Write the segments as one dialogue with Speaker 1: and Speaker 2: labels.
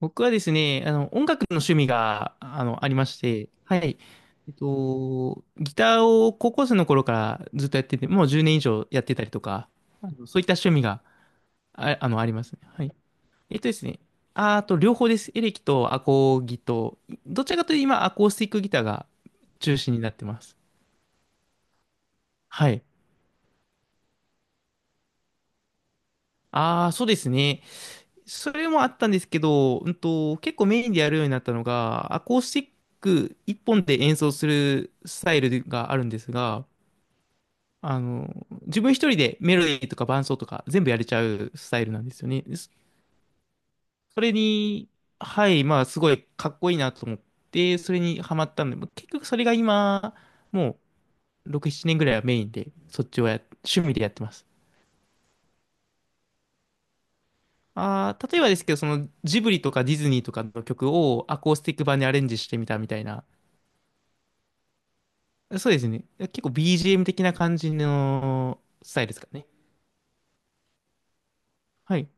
Speaker 1: 僕はですね、音楽の趣味が、ありまして、はい。ギターを高校生の頃からずっとやってて、もう10年以上やってたりとか、そういった趣味が、ありますね。はい。えっとですね、ああと、両方です。エレキとアコギと、どちらかというと今、アコースティックギターが中心になってます。はい。ああ、そうですね。それもあったんですけど、結構メインでやるようになったのが、アコースティック一本で演奏するスタイルがあるんですが、自分一人でメロディーとか伴奏とか全部やれちゃうスタイルなんですよね。それに、はい、まあすごいかっこいいなと思って、それにハマったんで、結局それが今、もう6、7年ぐらいはメインで、そっちをや、趣味でやってます。ああ、例えばですけど、そのジブリとかディズニーとかの曲をアコースティック版にアレンジしてみたみたいな。そうですね。結構 BGM 的な感じのスタイルですかね。はい。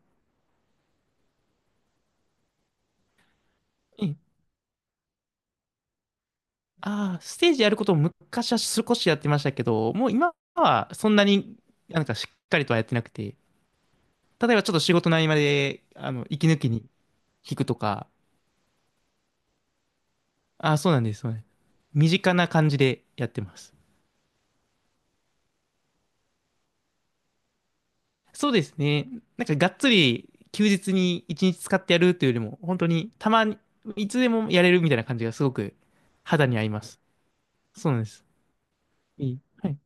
Speaker 1: うん。ああ、ステージやることも昔は少しやってましたけど、もう今はそんなにしっかりとはやってなくて、例えばちょっと仕事の合間で、息抜きに弾くとか、ああ、そうなんです、そうなんです。身近な感じでやってます。そうですね。なんかがっつり休日に一日使ってやるというよりも、本当にたまに、いつでもやれるみたいな感じがすごく肌に合います。そうなんです。いい。はい。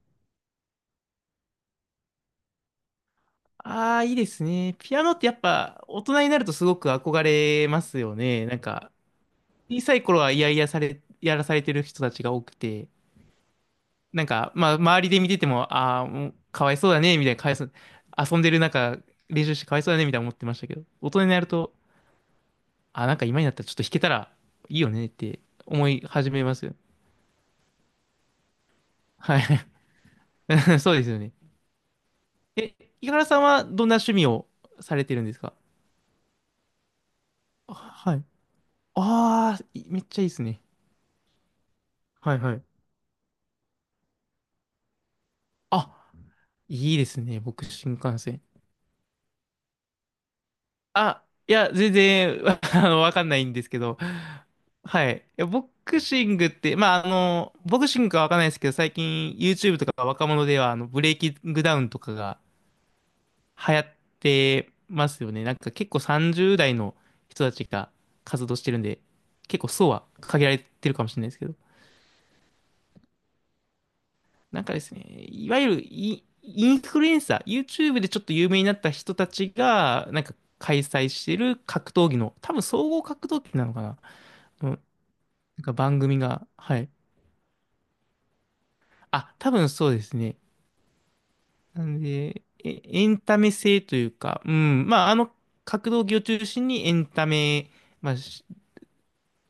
Speaker 1: ああ、いいですね。ピアノってやっぱ大人になるとすごく憧れますよね。なんか、小さい頃は嫌々され、やらされてる人たちが多くて、なんか、まあ、周りで見てても、ああ、もうかわいそうだね、みたいな、かわいそう、遊んでる中、練習してかわいそうだね、みたいな思ってましたけど、大人になると、ああ、なんか今になったらちょっと弾けたらいいよねって思い始めますよ。はい。そうですよね。え、井原さんはどんな趣味をされてるんですか？あはい。ああ、いめっちゃいいですね。はいはい。あ、いいですね。僕、新幹線。あ、いや、全然、わかんないんですけど。はい。いやボクシングって、まあ、ボクシングかわかんないですけど、最近 YouTube とか若者では、ブレイキングダウンとかが流行ってますよね。なんか結構30代の人たちが活動してるんで、結構層は限られてるかもしれないですけど。なんかですね、いわゆるインフルエンサー、YouTube でちょっと有名になった人たちが、なんか開催してる格闘技の、多分総合格闘技なのかな、のなんか番組が、はい。あ、多分そうですね。なんで、エンタメ性というか、うん、まあ、格闘技を中心にエンタメ、まあ、し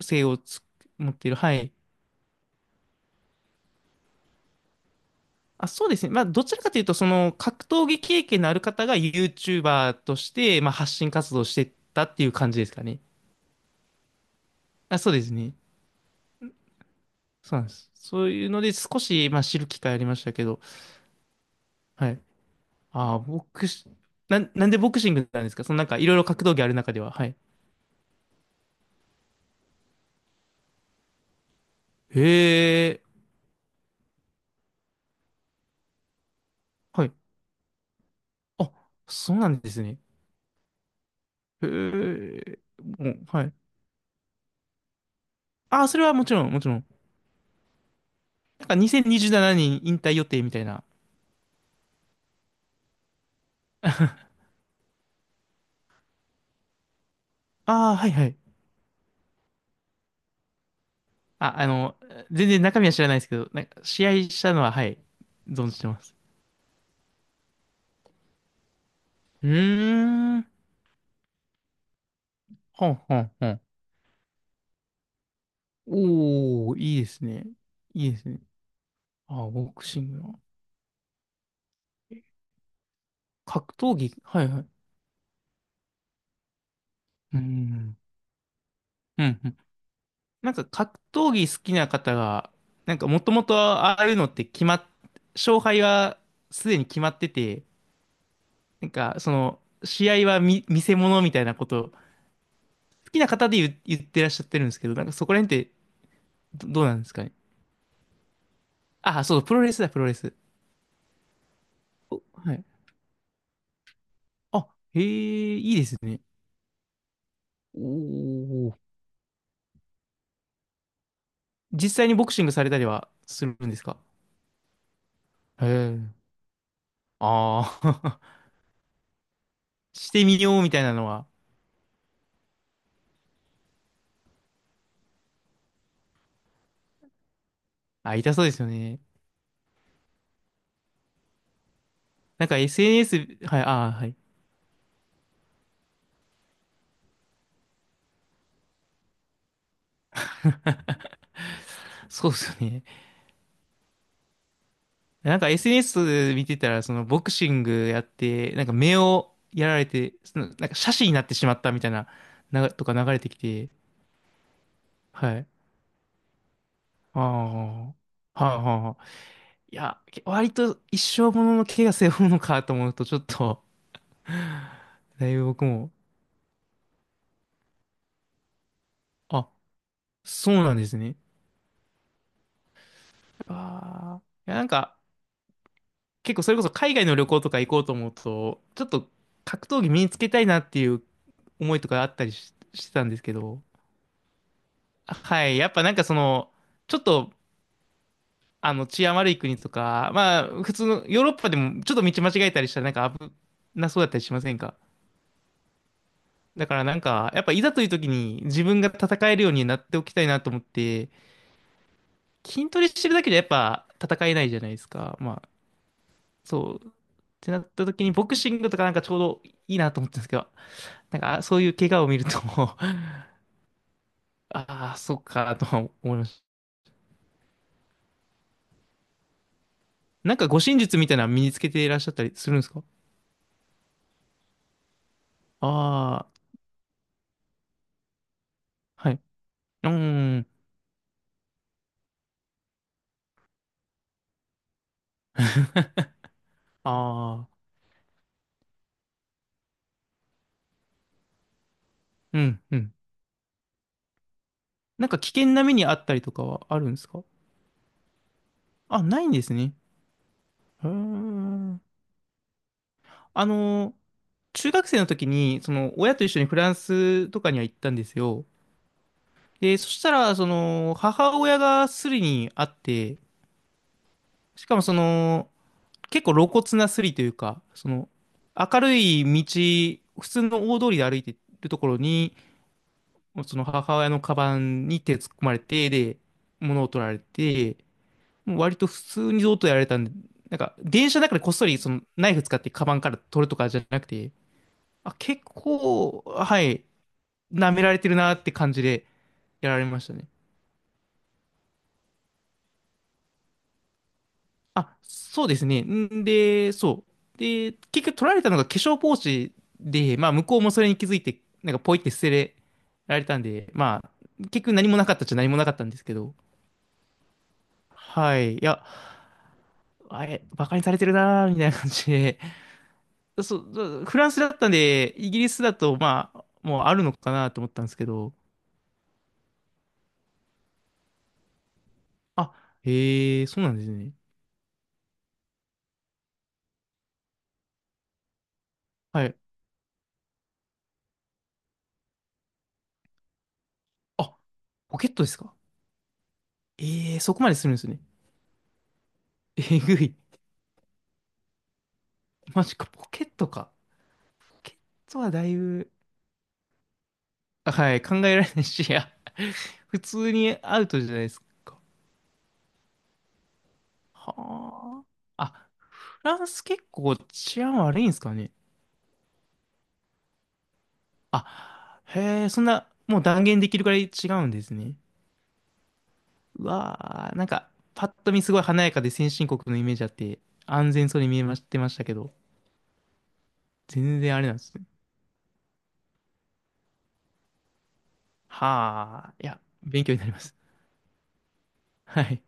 Speaker 1: 性をつ持っている、はい。あ、そうですね。まあ、どちらかというと、その、格闘技経験のある方が YouTuber として、まあ、発信活動をしてったっていう感じですかね。あ、そうですね。そうなんです。そういうので少し、まあ、知る機会ありましたけど、はい。ああ、ボクシ、なん、なんでボクシングなんですか？そのなんかいろいろ格闘技ある中では。はい。へえ、はい。あ、そうなんですね。へえ、もう、はい。ああ、それはもちろん、もちろん。なんか2027年引退予定みたいな。ああ、はいはい。あ、あの、全然中身は知らないですけど、なんか試合したのは、はい、存じてます。うーん。ほんほんほん。おー、いいですね。いいですね。あ、ボクシングの。格闘技はいはい。うん。うん。うん。なんか格闘技好きな方が、なんかもともとああいうのって決まっ、勝敗はすでに決まってて、なんかその、試合は見、見せ物みたいなこと、好きな方で言う、言ってらっしゃってるんですけど、なんかそこら辺ってどうなんですかね。プロレス。おはい。あ、へえ、いいですね。おお。実際にボクシングされたりはするんですか？へえ。ああ。してみようみたいなのは、あ、痛そうですよね。なんか SNS、はい、あ、はい。そうですよね。なんか SNS 見てたら、そのボクシングやって、なんか目をやられて、その、なんか斜視になってしまったみたいな、とか流れてきて、はい。ああ、はいはいはい。いや、割と一生ものの怪我背負うのかと思うと、ちょっと、だいぶ僕も、あ、そうなんですね。ああ。いや、なんか、結構それこそ海外の旅行とか行こうと思うと、ちょっと格闘技身につけたいなっていう思いとかあったりし、してたんですけど、はい、やっぱなんかその、ちょっと治安悪い国とか、まあ普通のヨーロッパでもちょっと道間違えたりしたらなんか危なそうだったりしませんか？だからなんか、やっぱいざという時に自分が戦えるようになっておきたいなと思って、筋トレしてるだけじゃやっぱ戦えないじゃないですか。まあ、そう。ってなった時にボクシングとかなんかちょうどいいなと思ったんですけど、なんか、あそういう怪我を見ると ああ、そっか、とは思いました。なんか、護身術みたいなの身につけていらっしゃったりするんですか？ああー、はい。うーん、ああ、うん、うん。なんか、危険な目にあったりとかはあるんですか？あ、ないんですね。へー。あの、中学生の時に、その、親と一緒にフランスとかには行ったんですよ。で、そしたら、その、母親がスリにあって、しかもその、結構露骨なスリというか、その明るい道、普通の大通りで歩いてるところに、その母親のカバンに手突っ込まれて、で、物を取られて、もう割と普通にどうとやられたんで、なんか電車の中でこっそりそのナイフ使ってカバンから取るとかじゃなくて、あ、結構、はい、舐められてるなって感じでやられましたね。あ、そうですね。んで、そう。で、結局取られたのが化粧ポーチで、まあ向こうもそれに気づいて、なんかポイって捨てられたんで、まあ結局何もなかったっちゃ何もなかったんですけど、はい。いや、あれ、バカにされてるなーみたいな感じで、そうフランスだったんで、イギリスだとまあ、もうあるのかなと思ったんですけど、あ、へえ、そうなんですね。はい。あ、ポケットですか？ええー、そこまでするんですね。えぐい。マジか、ポケットか。ケットはだいぶ、あはい、考えられないし、いや、普通にアウトじゃないですか。はあ。あ、フランス結構治安悪いんですかね。あ、へえ、そんな、もう断言できるくらい違うんですね。うわあ、なんか、パッと見すごい華やかで先進国のイメージあって、安全そうに見えましてましたけど、全然あれなんですね。はあ、いや、勉強になります。はい。